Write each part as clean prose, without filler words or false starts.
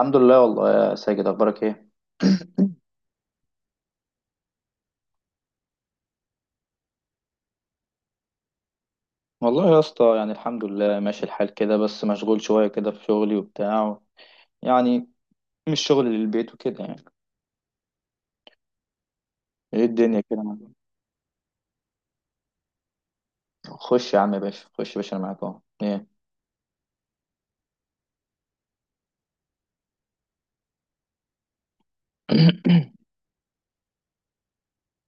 الحمد لله والله يا ساجد اخبارك ايه؟ والله يا اسطى الحمد لله ماشي الحال كده، بس مشغول شويه كده في شغلي وبتاع يعني مش شغل للبيت وكده ايه الدنيا كده معاك؟ خش يا عم يا باشا، خش يا باشا انا معاك اهو ايه.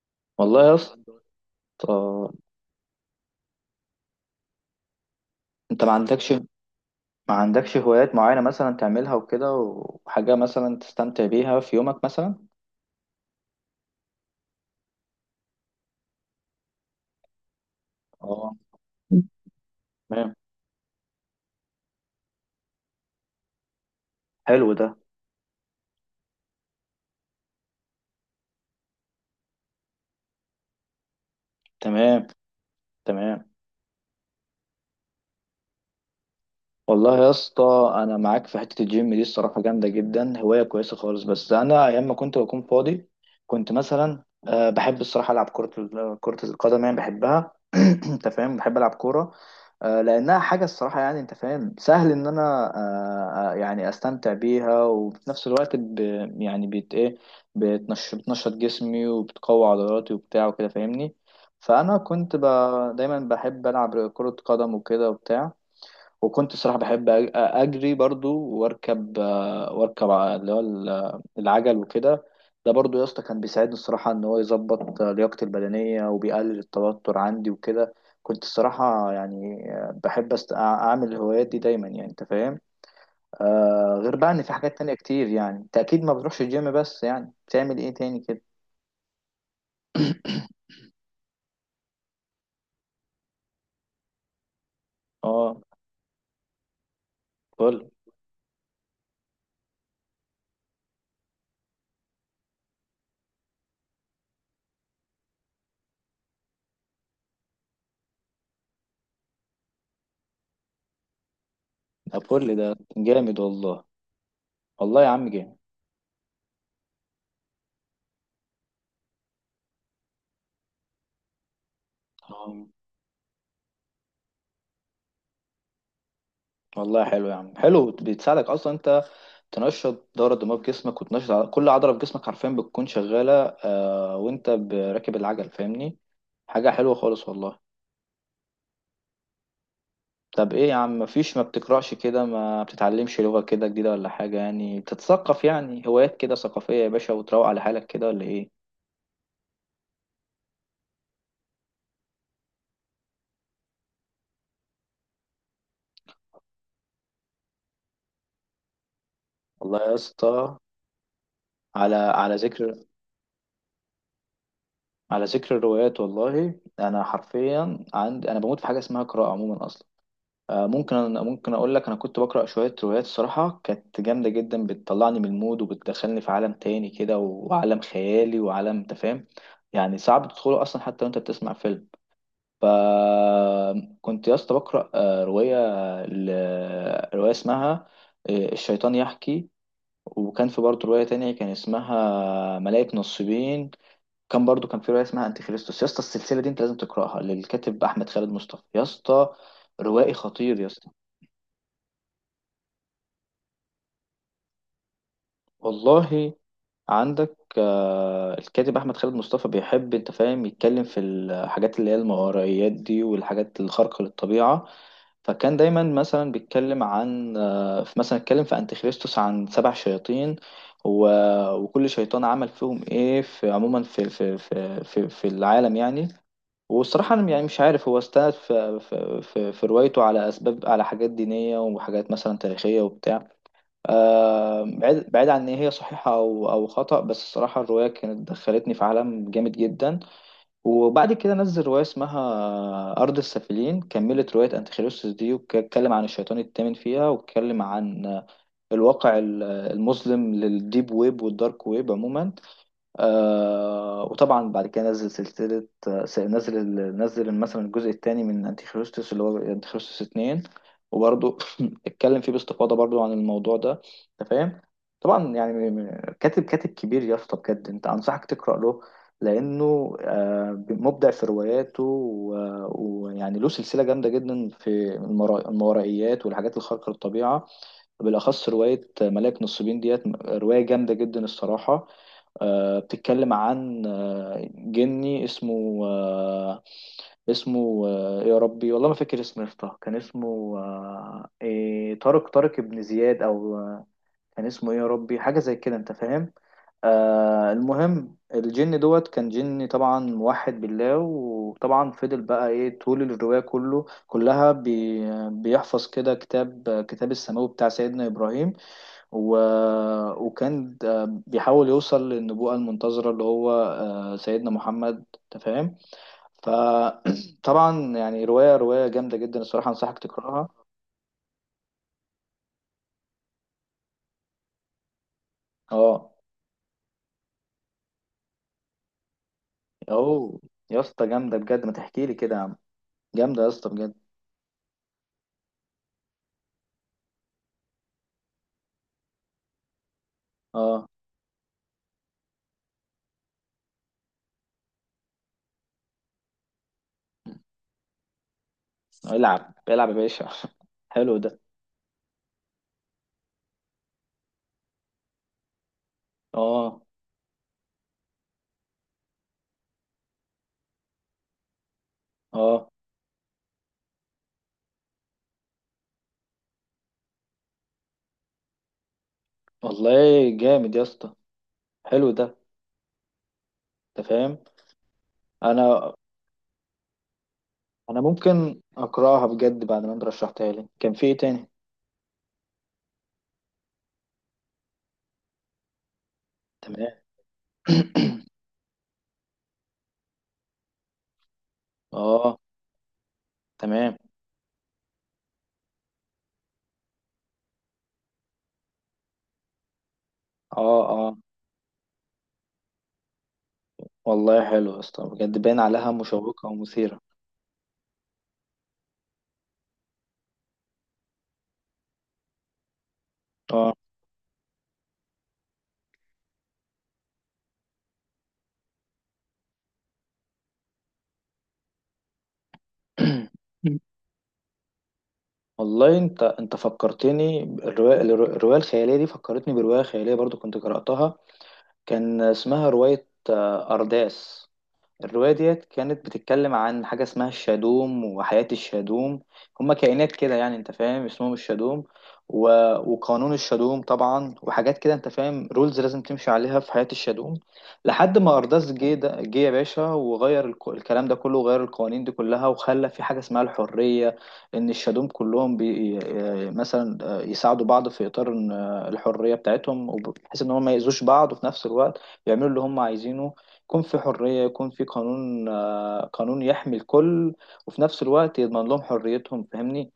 والله يا اسطى، انت ما عندكش، ما عندكش هوايات معينه مثلا تعملها وكده، وحاجه مثلا تستمتع بيها في يومك مثلا؟ اه. تمام. حلو ده. تمام. تمام. والله يا اسطى انا معاك في حته الجيم دي، الصراحه جامده جدا، هوايه كويسه خالص، بس انا ايام ما كنت بكون فاضي كنت مثلا أه بحب الصراحه العب كره القدم، بحبها. انت فاهم، بحب العب كوره، أه، لانها حاجه الصراحه يعني انت فاهم سهل ان انا أه آه، يعني استمتع بيها، وفي نفس الوقت ب يعني بت ايه بتنش- بتنشط جسمي، وبتقوي عضلاتي وبتاع وكده فاهمني. فانا كنت ب دايما بحب العب كره قدم وكده وبتاع. وكنت الصراحة بحب أجري برضو، وأركب العجل وكده. ده برضو يا اسطى كان بيساعدني الصراحة إن هو يظبط لياقتي البدنية، وبيقلل التوتر عندي وكده. كنت الصراحة يعني بحب أعمل الهوايات دي دايما، يعني أنت فاهم. آه، غير بقى إن في حاجات تانية كتير، يعني أنت أكيد ما بتروحش الجيم، بس يعني بتعمل إيه تاني كده؟ اه. فل ده. فل ده. جامد والله. والله يا عم جامد. اه. والله حلو يا عم، حلو، بتساعدك اصلا، انت تنشط الدورة الدموية في جسمك، وتنشط كل عضلة في جسمك حرفيا بتكون شغالة، آه، وانت راكب العجل فاهمني. حاجة حلوة خالص والله. طب ايه يا عم، مفيش ما بتقرأش كده، ما بتتعلمش لغة كده جديدة ولا حاجة، يعني تتثقف، يعني هوايات كده ثقافية يا باشا، وتروق على حالك كده، ولا ايه؟ والله يا اسطى، على على ذكر على ذكر الروايات، والله انا حرفيا عندي، انا بموت في حاجة اسمها قراءة عموما اصلا. ممكن ممكن أقول لك، أنا كنت بقرأ شوية روايات الصراحة، كانت جامدة جدا، بتطلعني من المود، وبتدخلني في عالم تاني كده، وعالم خيالي، وعالم أنت فاهم، يعني صعب تدخله أصلا حتى وأنت بتسمع فيلم. فكنت يا اسطى بقرأ رواية، رواية اسمها الشيطان يحكي. وكان في برضه رواية تانية كان اسمها ملائكة نصيبين. كان برضه كان في رواية اسمها أنتي خريستوس، يا اسطى السلسلة دي أنت لازم تقرأها، للكاتب أحمد خالد مصطفى، يا اسطى روائي خطير يا اسطى. والله، عندك الكاتب احمد خالد مصطفى بيحب انت فاهم يتكلم في الحاجات اللي هي الماورائيات دي، والحاجات الخارقة للطبيعة. فكان دايما مثلا بيتكلم عن مثلا اتكلم في انتيخريستوس عن 7 شياطين، وكل شيطان عمل فيهم ايه في عموما في العالم يعني. والصراحة أنا يعني مش عارف هو استند في روايته على أسباب، على حاجات دينية، وحاجات مثلا تاريخية وبتاع. آه، بعيد بعيد عن ان هي صحيحه او او خطا، بس الصراحه الروايه كانت دخلتني في عالم جامد جدا. وبعد كده نزل روايه اسمها ارض السافلين، كملت روايه انتيخريستوس دي، واتكلم عن الشيطان الثامن فيها، واتكلم عن الواقع المظلم للديب ويب والدارك ويب عموما. آه، وطبعا بعد كده نزل سلسلة نزل مثلا الجزء الثاني من انتيخريستوس، اللي هو انتيخريستوس 2، وبرضه اتكلم فيه باستفاضة برضه عن الموضوع ده، انت فاهم؟ طبعا يعني كاتب كبير يا اسطى بجد، انت انصحك تقرأ له، لانه مبدع في رواياته ويعني له سلسلة جامدة جدا في الماورائيات والحاجات الخارقة للطبيعة. بالاخص رواية ملاك نصيبين، ديت رواية جامدة جدا الصراحة. بتتكلم عن جني اسمه يا ربي والله ما فاكر اسمه، يا اسطى كان اسمه إيه، طارق، طارق ابن زياد، او آه، كان اسمه ايه يا ربي، حاجه زي كده انت فاهم. آه، المهم الجن دوت كان جن طبعا موحد بالله، وطبعا فضل بقى ايه طول الرواية كله كلها بيحفظ كده كتاب السماوي بتاع سيدنا إبراهيم، و... وكان ده بيحاول يوصل للنبوءة المنتظرة، اللي هو سيدنا محمد، أنت فاهم. فطبعا يعني رواية جامدة جدا الصراحة، أنصحك تقرأها. اه. أهو يا اسطى جامدة بجد، ما تحكي لي كده يا عم، جامدة يا اسطى بجد. اه. العب، العب يا باشا. حلو ده. اه. اه. والله جامد يا اسطى. حلو ده. انت فاهم. انا انا ممكن اقراها بجد بعد ما انت رشحتها لي، كان في ايه تاني؟ تمام. اه. تمام. اه. اه. والله حلو يا اسطى بجد، باين عليها مشوقة ومثيرة. اه. والله انت فكرتني الرواية الخيالية دي، فكرتني برواية خيالية برضو كنت قرأتها، كان اسمها رواية أرداس. الرواية ديت كانت بتتكلم عن حاجة اسمها الشادوم، وحياة الشادوم، هما كائنات كده يعني انت فاهم اسمهم الشادوم، و... وقانون الشادوم طبعا، وحاجات كده انت فاهم رولز لازم تمشي عليها في حياة الشادوم. لحد ما أرداس جه يا باشا وغير الكلام ده كله، وغير القوانين دي كلها، وخلى في حاجة اسمها الحرية. إن الشادوم كلهم مثلا يساعدوا بعض، في إطار إن الحرية بتاعتهم، بحيث إن هم ما يأذوش بعض، وفي نفس الوقت يعملوا اللي هم عايزينه، يكون في حرية، يكون في قانون، قانون يحمي الكل، وفي نفس الوقت يضمن لهم حريتهم فاهمني.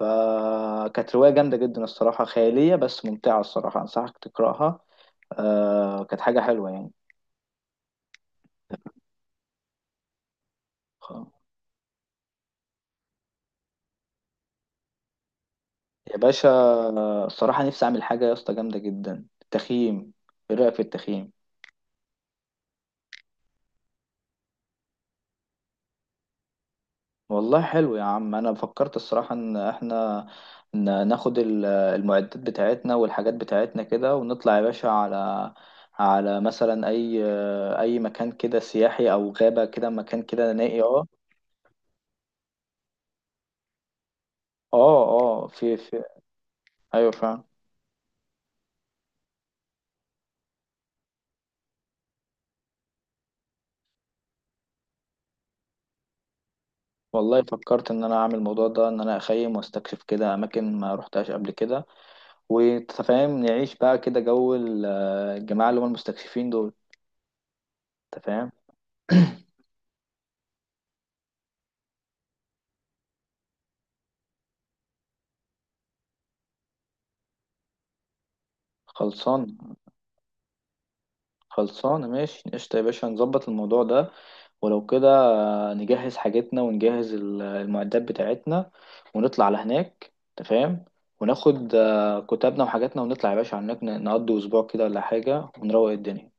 فكانت رواية جامدة جدا الصراحة، خيالية بس ممتعة الصراحة، أنصحك تقرأها. كانت حاجة حلوة يعني. خ- يا باشا الصراحة نفسي أعمل حاجة يا اسطى جامدة جدا، التخييم. إيه رأيك في التخييم؟ والله حلو يا عم، انا فكرت الصراحة ان احنا ناخد المعدات بتاعتنا والحاجات بتاعتنا كده، ونطلع يا باشا على، على مثلا اي مكان كده سياحي، او غابة، كده مكان كده نائي. اه. اه. اه. في في ايوه فعلا. والله فكرت ان انا اعمل الموضوع ده، ان انا اخيم واستكشف كده اماكن ما روحتهاش قبل كده. وانت فاهم نعيش بقى كده جو الجماعة اللي هم المستكشفين دول، انت فاهم. خلصان. خلصانة، ماشي قشطة يا باشا، نظبط الموضوع ده ولو كده. نجهز حاجتنا، ونجهز المعدات بتاعتنا، ونطلع على هناك تفهم. وناخد كتابنا وحاجاتنا، ونطلع يا باشا على هناك، نقضي أسبوع كده ولا حاجة، ونروق الدنيا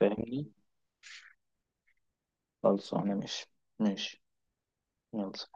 فاهمني. خلصانة ماشي. ماشي. يلا.